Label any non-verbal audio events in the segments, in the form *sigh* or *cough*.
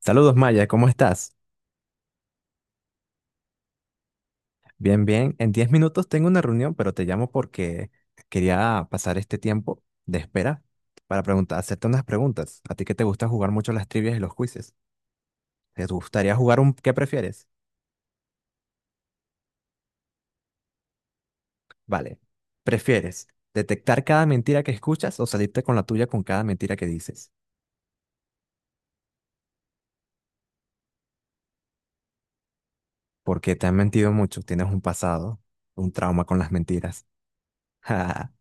Saludos Maya, ¿cómo estás? Bien, bien. En 10 minutos tengo una reunión, pero te llamo porque quería pasar este tiempo de espera para preguntar, hacerte unas preguntas. A ti que te gusta jugar mucho las trivias y los quizzes. ¿Te gustaría jugar un qué prefieres? Vale. ¿Prefieres detectar cada mentira que escuchas o salirte con la tuya con cada mentira que dices? Porque te han mentido mucho, tienes un pasado, un trauma con las mentiras. *laughs*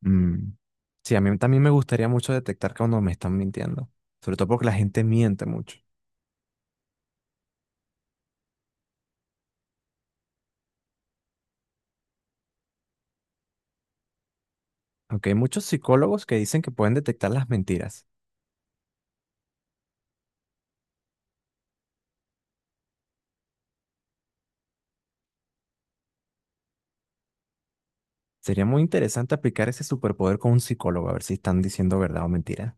Mm. Sí, a mí también me gustaría mucho detectar cuando me están mintiendo, sobre todo porque la gente miente mucho. Aunque hay muchos psicólogos que dicen que pueden detectar las mentiras. Sería muy interesante aplicar ese superpoder con un psicólogo, a ver si están diciendo verdad o mentira.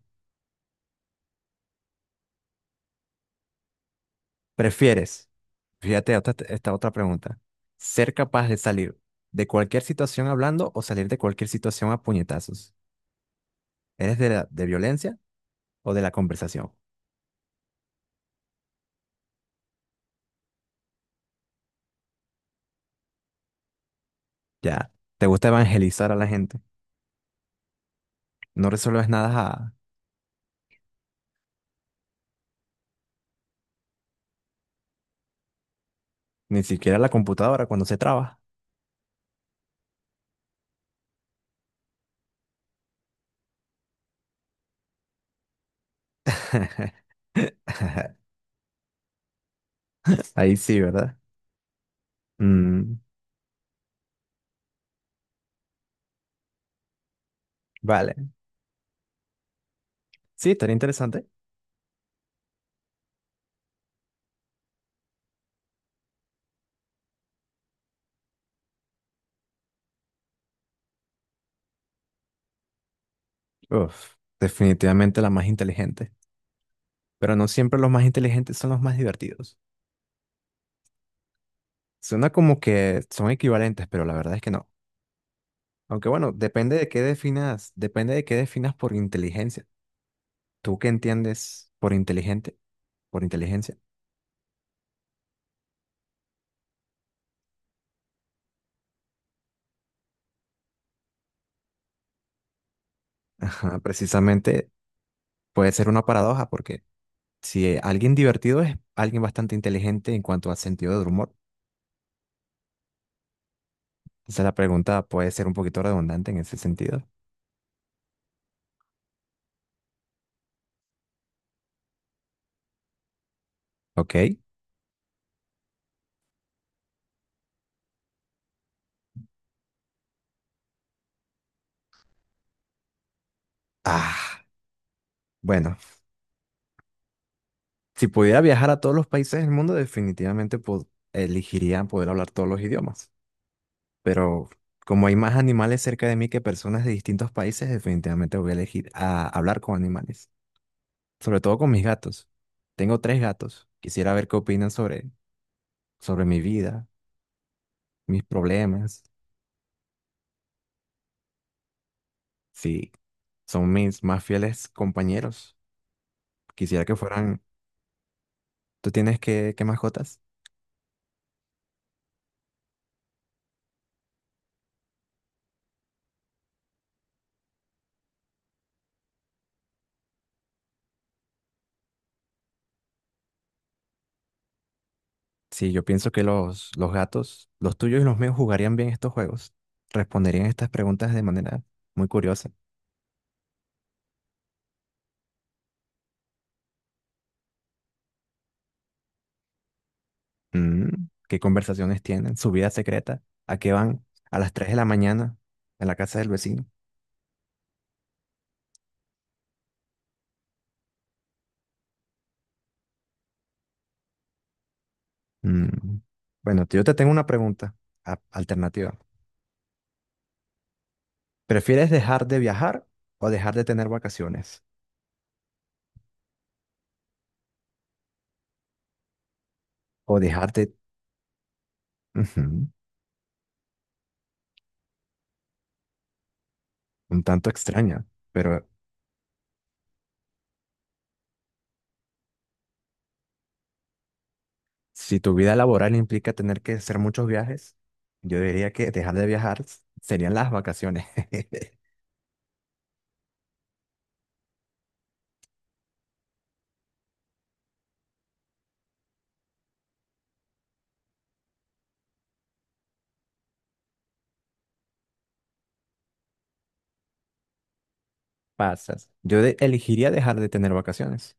¿Prefieres? Fíjate esta otra pregunta. ¿Ser capaz de salir de cualquier situación hablando o salir de cualquier situación a puñetazos? ¿Eres de violencia o de la conversación? Ya, ¿te gusta evangelizar a la gente? No resuelves nada. Ni siquiera la computadora cuando se traba. *laughs* Ahí sí, ¿verdad? Mm, vale. Sí, estaría interesante. Uf, definitivamente la más inteligente. Pero no siempre los más inteligentes son los más divertidos. Suena como que son equivalentes, pero la verdad es que no. Aunque bueno, depende de qué definas, depende de qué definas por inteligencia. ¿Tú qué entiendes por inteligente? Por inteligencia. *laughs* Ajá, precisamente puede ser una paradoja porque si alguien divertido es alguien bastante inteligente en cuanto a sentido del humor. Quizá la pregunta puede ser un poquito redundante en ese sentido. Ok. Ah, bueno, si pudiera viajar a todos los países del mundo, definitivamente elegiría poder hablar todos los idiomas. Pero como hay más animales cerca de mí que personas de distintos países, definitivamente voy a elegir a hablar con animales, sobre todo con mis gatos. Tengo tres gatos. Quisiera ver qué opinan sobre, sobre mi vida, mis problemas, si son mis más fieles compañeros. Quisiera que fueran... ¿Tú tienes qué, qué mascotas? Sí, yo pienso que los gatos, los tuyos y los míos, jugarían bien estos juegos. Responderían estas preguntas de manera muy curiosa. Mm, ¿qué conversaciones tienen? ¿Su vida secreta? ¿A qué van? ¿A las 3 de la mañana? ¿En la casa del vecino? Mm, bueno, yo te tengo una pregunta alternativa. ¿Prefieres dejar de viajar o dejar de tener vacaciones? O dejar de... Ujú, un tanto extraña, pero si tu vida laboral implica tener que hacer muchos viajes, yo diría que dejar de viajar serían las vacaciones. *laughs* Pasas. Yo elegiría dejar de tener vacaciones.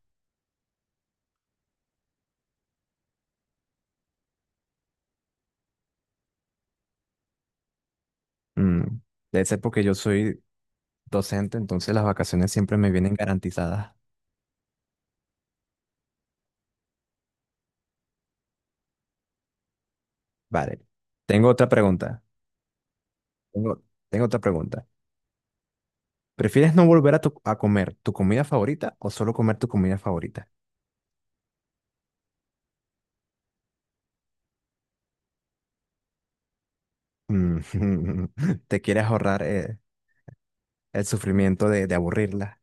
Mm, debe ser porque yo soy docente, entonces las vacaciones siempre me vienen garantizadas. Vale. Tengo otra pregunta. Tengo, tengo otra pregunta. ¿Prefieres no volver a comer tu comida favorita o solo comer tu comida favorita? Mm, *laughs* ¿te quieres ahorrar el sufrimiento de aburrirla?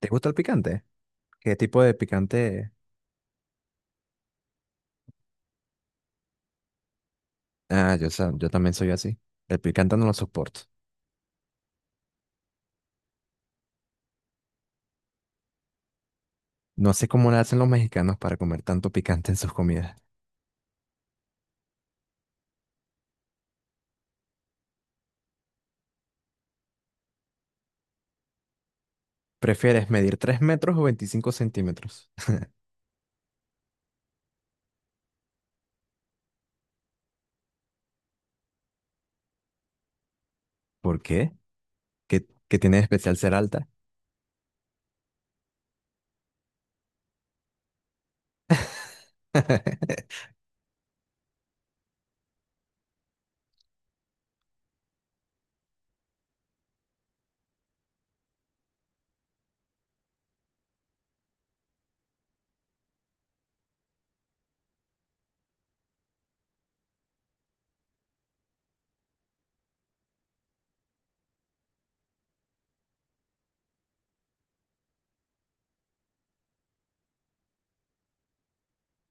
¿Te gusta el picante? ¿Qué tipo de picante? Ah, yo también soy así. El picante no lo soporto. No sé cómo le hacen los mexicanos para comer tanto picante en sus comidas. ¿Prefieres medir 3 metros o 25 centímetros? *laughs* ¿Por qué? ¿Qué, qué tiene de especial ser alta? *laughs*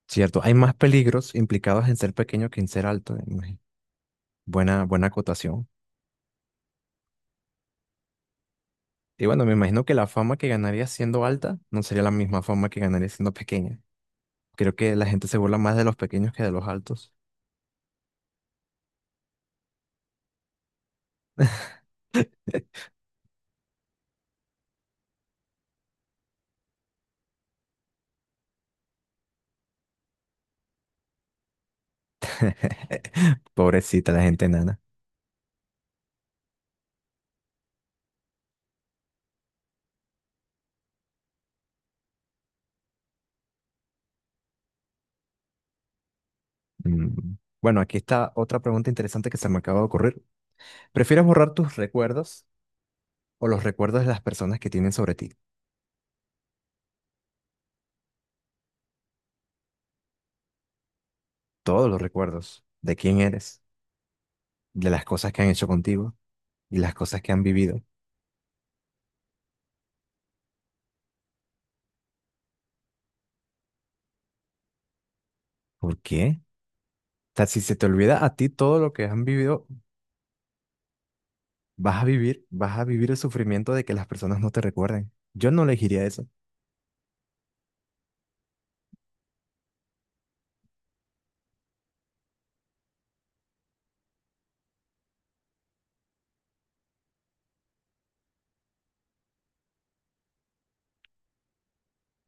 Cierto, hay más peligros implicados en ser pequeño que en ser alto. Imagi- buena acotación. Y bueno, me imagino que la fama que ganaría siendo alta no sería la misma fama que ganaría siendo pequeña. Creo que la gente se burla más de los pequeños que de los altos. *laughs* *laughs* Pobrecita la gente nana. Mm. Bueno, aquí está otra pregunta interesante que se me acaba de ocurrir. ¿Prefieres borrar tus recuerdos o los recuerdos de las personas que tienen sobre ti? Todos los recuerdos de quién eres, de las cosas que han hecho contigo y las cosas que han vivido. ¿Por qué? O sea, si se te olvida a ti todo lo que han vivido, vas a vivir el sufrimiento de que las personas no te recuerden. Yo no elegiría eso,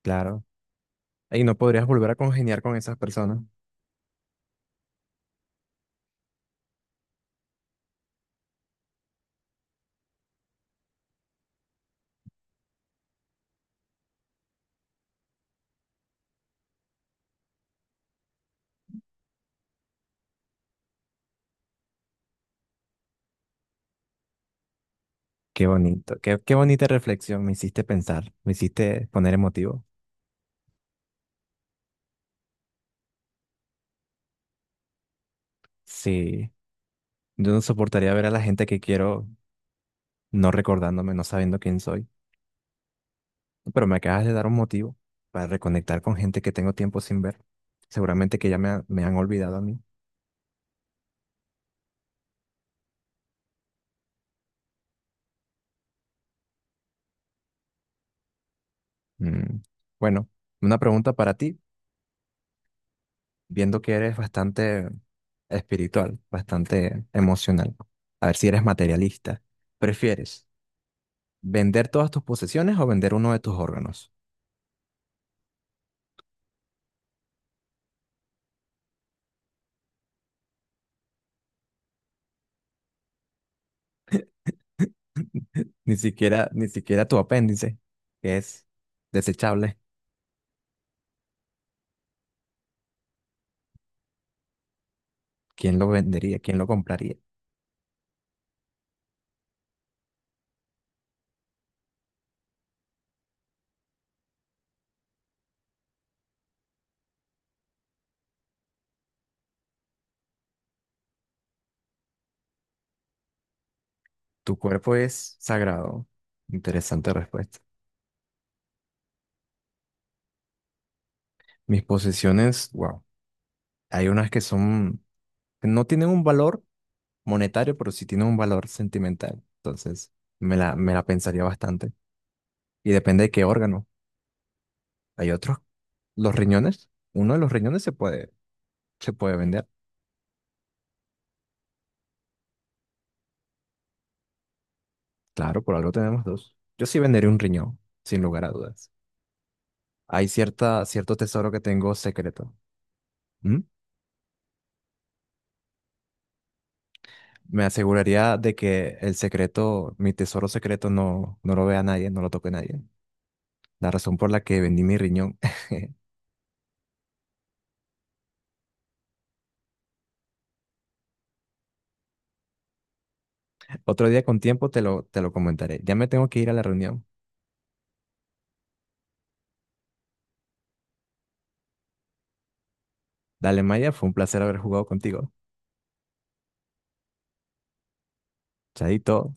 claro. Y no podrías volver a congeniar con esas personas. Qué bonito, qué bonita reflexión, me hiciste pensar, me hiciste poner emotivo. Sí, yo no soportaría ver a la gente que quiero no recordándome, no sabiendo quién soy, pero me acabas de dar un motivo para reconectar con gente que tengo tiempo sin ver. Seguramente que ya me han olvidado a mí. Mm, bueno, una pregunta para ti, viendo que eres bastante espiritual, bastante emocional, a ver si eres materialista. ¿Prefieres vender todas tus posesiones o vender uno de tus órganos? Ni siquiera tu apéndice, que es desechable. ¿Quién lo vendería? ¿Quién lo compraría? Tu cuerpo es sagrado. Interesante respuesta. Mis posesiones, wow. Hay unas que son, que no tienen un valor monetario, pero sí tienen un valor sentimental. Entonces, me la pensaría bastante. Y depende de qué órgano. Hay otros, los riñones. Uno de los riñones se puede vender. Claro, por algo tenemos dos. Yo sí vendería un riñón, sin lugar a dudas. Hay cierta, cierto tesoro que tengo secreto. ¿M? Me aseguraría de que el secreto, mi tesoro secreto, no lo vea nadie, no lo toque nadie. La razón por la que vendí mi riñón. *laughs* Otro día con tiempo te te lo comentaré. Ya me tengo que ir a la reunión. Dale, Maya, fue un placer haber jugado contigo. Chaito.